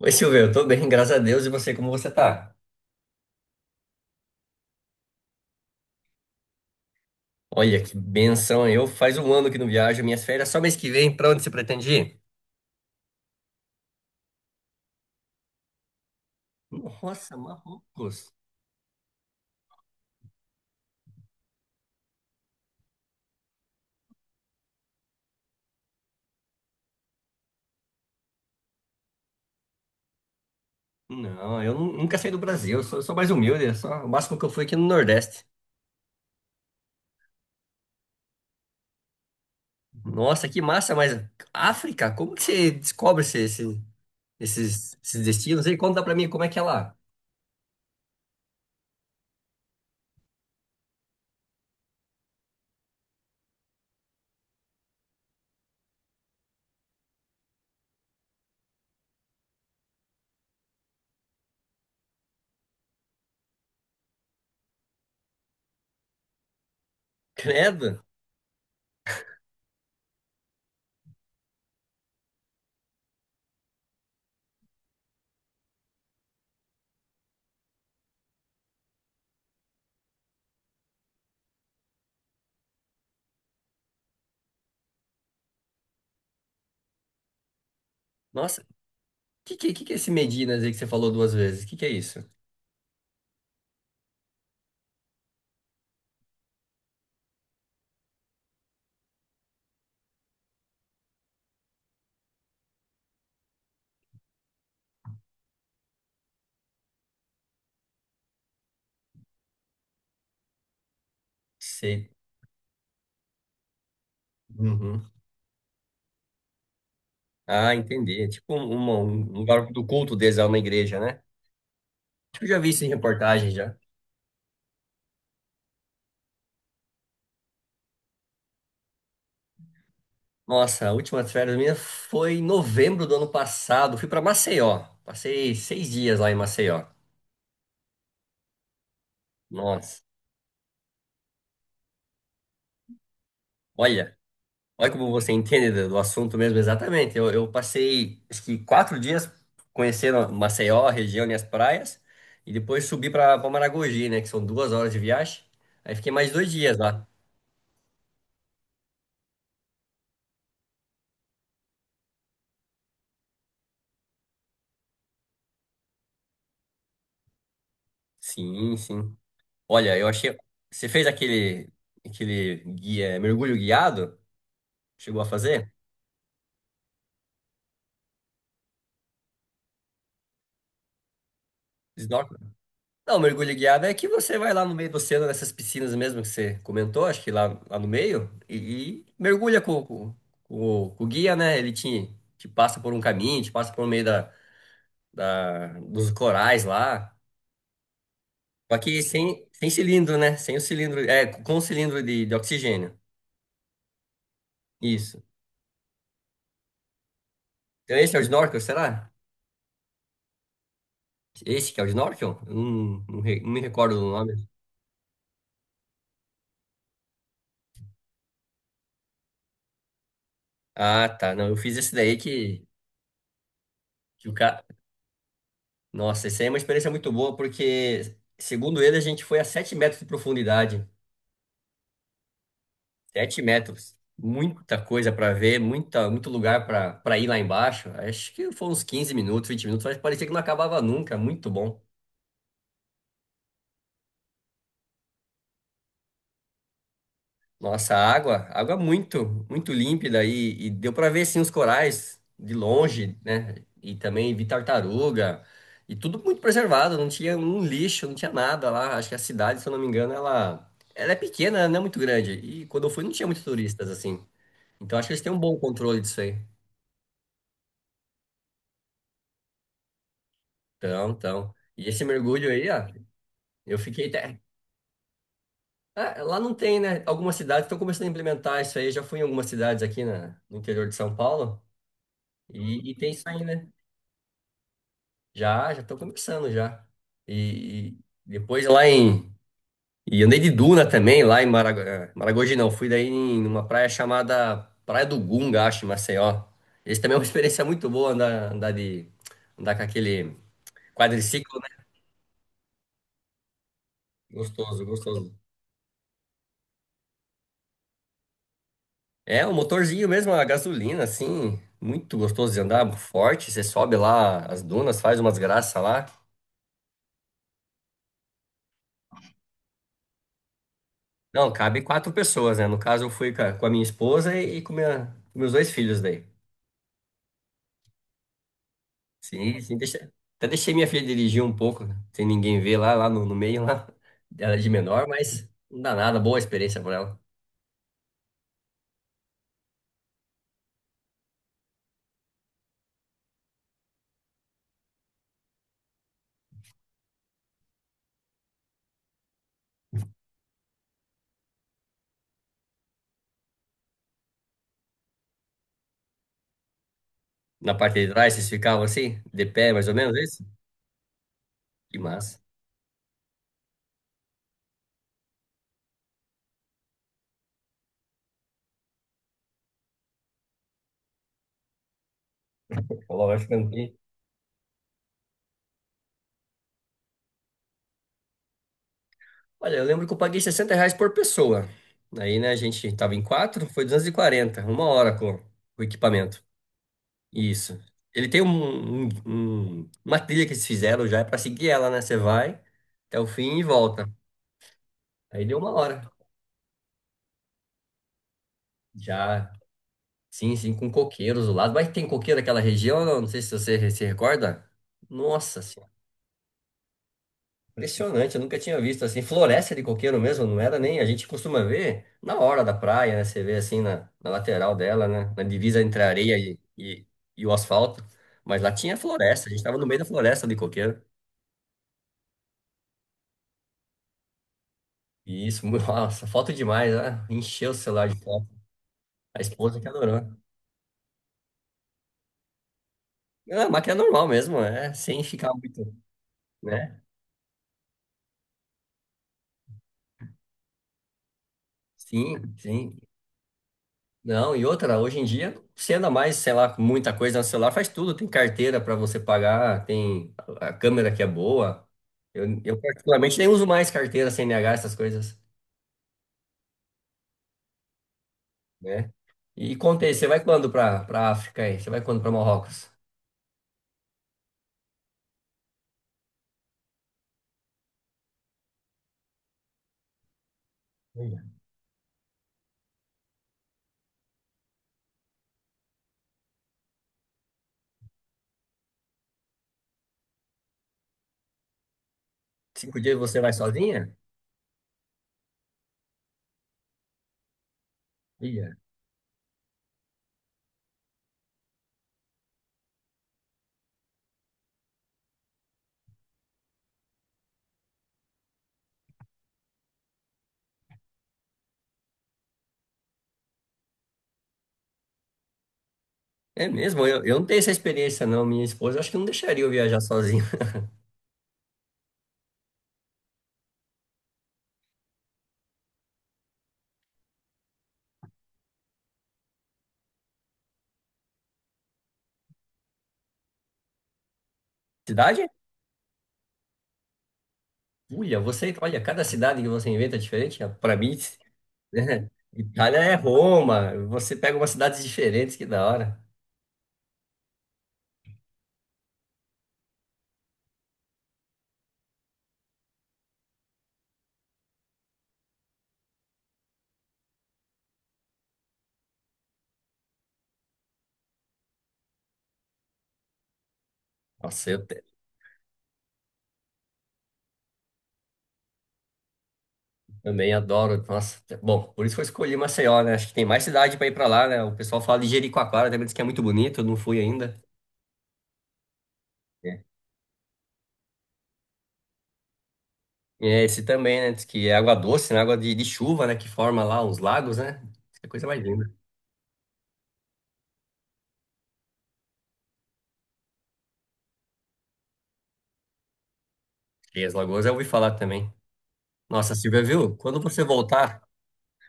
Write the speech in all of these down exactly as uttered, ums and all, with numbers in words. Oi, Silvio, eu tô bem, graças a Deus. E você, como você tá? Olha, que benção. Eu faz um ano que não viajo, minhas férias só mês que vem. Pra onde você pretende ir? Nossa, Marrocos. Não, eu nu- nunca saí do Brasil, eu sou, eu sou mais humilde. Eu Só, o máximo que eu fui aqui no Nordeste. Nossa, que massa, mas África, como que você descobre esse- esse- esses, esses destinos? E conta pra mim como é que é lá. Credo. Nossa, o que, que, que que é esse Medinas aí que você falou duas vezes? O que, que é isso? Sei. Uhum. Ah, entendi. É tipo um, uma- um lugar do culto deles lá na igreja, né? Acho que eu já vi isso em reportagem já. Nossa, a última férias minha foi em novembro do ano passado. Fui pra Maceió. Passei seis dias lá em Maceió. Nossa, olha, olha como você entende do do assunto mesmo, exatamente. Eu, eu passei, acho que quatro dias conhecendo Maceió, a região e as praias, e depois subi para pra Maragogi, né, que são duas horas de viagem. Aí fiquei mais dois dias lá. Sim, sim. Olha, eu achei. Você fez aquele, aquele guia, mergulho guiado? Chegou a fazer? Snorkel? Não, mergulho guiado é que você vai lá no meio do oceano, nessas piscinas mesmo que você comentou, acho que lá, lá no meio, e, e mergulha com, com, com o com o guia, né? Ele te, te passa por um caminho, te passa por meio da, da, dos corais lá. Só que sem, sem cilindro, né? Sem o cilindro. É, com o cilindro de, de oxigênio. Isso. Então esse é o snorkel, será? Esse que é o snorkel? Eu Não, não, re- não me recordo do nome. Ah, tá. Não, eu fiz esse daí que, que o cara. Nossa, isso aí é uma experiência muito boa, porque, segundo ele, a gente foi a sete metros de profundidade. Sete metros. Muita coisa para ver, muita, muito lugar para para ir lá embaixo. Acho que foi uns quinze minutos, vinte minutos, mas parecia que não acabava nunca. Muito bom. Nossa, a água, água é muito, muito límpida e, e deu para ver sim os corais de longe, né? E também vi tartaruga e tudo muito preservado, não tinha um lixo, não tinha nada lá. Acho que a cidade, se eu não me engano, ela, ela é pequena, ela não é muito grande. E quando eu fui, não tinha muitos turistas assim. Então acho que eles têm um bom controle disso aí. Então, então. E esse mergulho aí, ó, eu fiquei até. Ah, lá não tem, né? Algumas cidades estão começando a implementar isso aí. Eu já fui em algumas cidades aqui na, no interior de São Paulo e, e tem isso aí, né? Já, já tô começando já. E, e depois lá em. E andei de duna também, lá em Marago- eh, Maragogi, não. Fui daí em uma praia chamada Praia do Gunga, acho, em Maceió. Esse também é uma experiência muito boa andar, andar de. Andar com aquele quadriciclo, né? Gostoso, gostoso. É, um motorzinho mesmo, a gasolina, assim. Muito gostoso de andar, forte. Você sobe lá as dunas, faz umas graças lá. Não, cabe quatro pessoas, né? No caso, eu fui com a, com a minha esposa e, e com minha- com meus dois filhos daí. Sim, sim, deixa... até deixei minha filha dirigir um pouco, né? Sem ninguém ver lá, lá no, no meio, lá. Ela é de menor, mas não dá nada, boa experiência para ela. Na parte de trás, vocês ficavam assim, de pé, mais ou menos, é isso? Que massa. Falou, vai ficando aqui. Olha, eu lembro que eu paguei sessenta reais por pessoa. Aí, né, a gente tava em quatro, foi duzentos e quarenta, uma hora com o equipamento. Isso. Ele tem um, um- um- uma trilha que eles fizeram já, é pra seguir ela, né? Você vai até o fim e volta. Aí deu uma hora. Já sim, sim, com coqueiros do lado. Mas tem coqueiro naquela região, não? Não sei se você se recorda. Nossa senhora, impressionante, eu nunca tinha visto assim. Floresta de coqueiro mesmo, não era nem. A gente costuma ver na hora da praia, né? Você vê assim na, na lateral dela, né? Na divisa entre a areia e, e, e o asfalto. Mas lá tinha floresta, a gente tava no meio da floresta de coqueiro. E isso, mu- nossa, foto demais, né? Encheu o celular de foto. A esposa que adorou. Ah, mas que é normal mesmo, é, sem ficar muito, né? Sim, sim. Não, e outra, hoje em dia não anda mais, sei lá, com muita coisa no celular, faz tudo, tem carteira para você pagar, tem a a câmera que é boa. Eu, eu particularmente nem uso mais carteira, C N H, essas coisas, né? E conta você vai quando para para África aí? Você vai quando para Marrocos? Ia. Cinco dias você vai sozinha? Ia. É mesmo, eu, eu não tenho essa experiência não, minha esposa acho que não deixaria eu viajar sozinho. Cidade? Uia, você, olha, cada cidade que você inventa é diferente, para mim né? Itália é Roma, você pega umas cidades diferentes, que da hora. Nossa, eu te- também adoro. Nossa, te- bom, por isso que eu escolhi Maceió, né? Acho que tem mais cidade pra ir pra lá, né? O pessoal fala de Jericoacoara, também diz que é muito bonito, eu não fui ainda. É. E é esse também, né? Diz que é água doce, né? Água de, de chuva, né? Que forma lá uns lagos, né? Diz que é coisa mais linda. E as lagoas eu ouvi falar também. Nossa, Silvia, viu? Quando você voltar,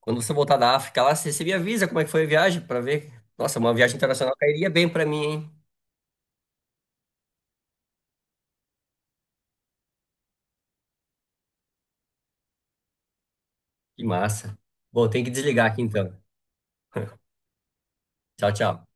Quando você voltar da África lá, você, você me avisa como é que foi a viagem pra ver. Nossa, uma viagem internacional cairia bem pra mim, hein? Que massa. Bom, tem que desligar aqui então. Tchau, tchau.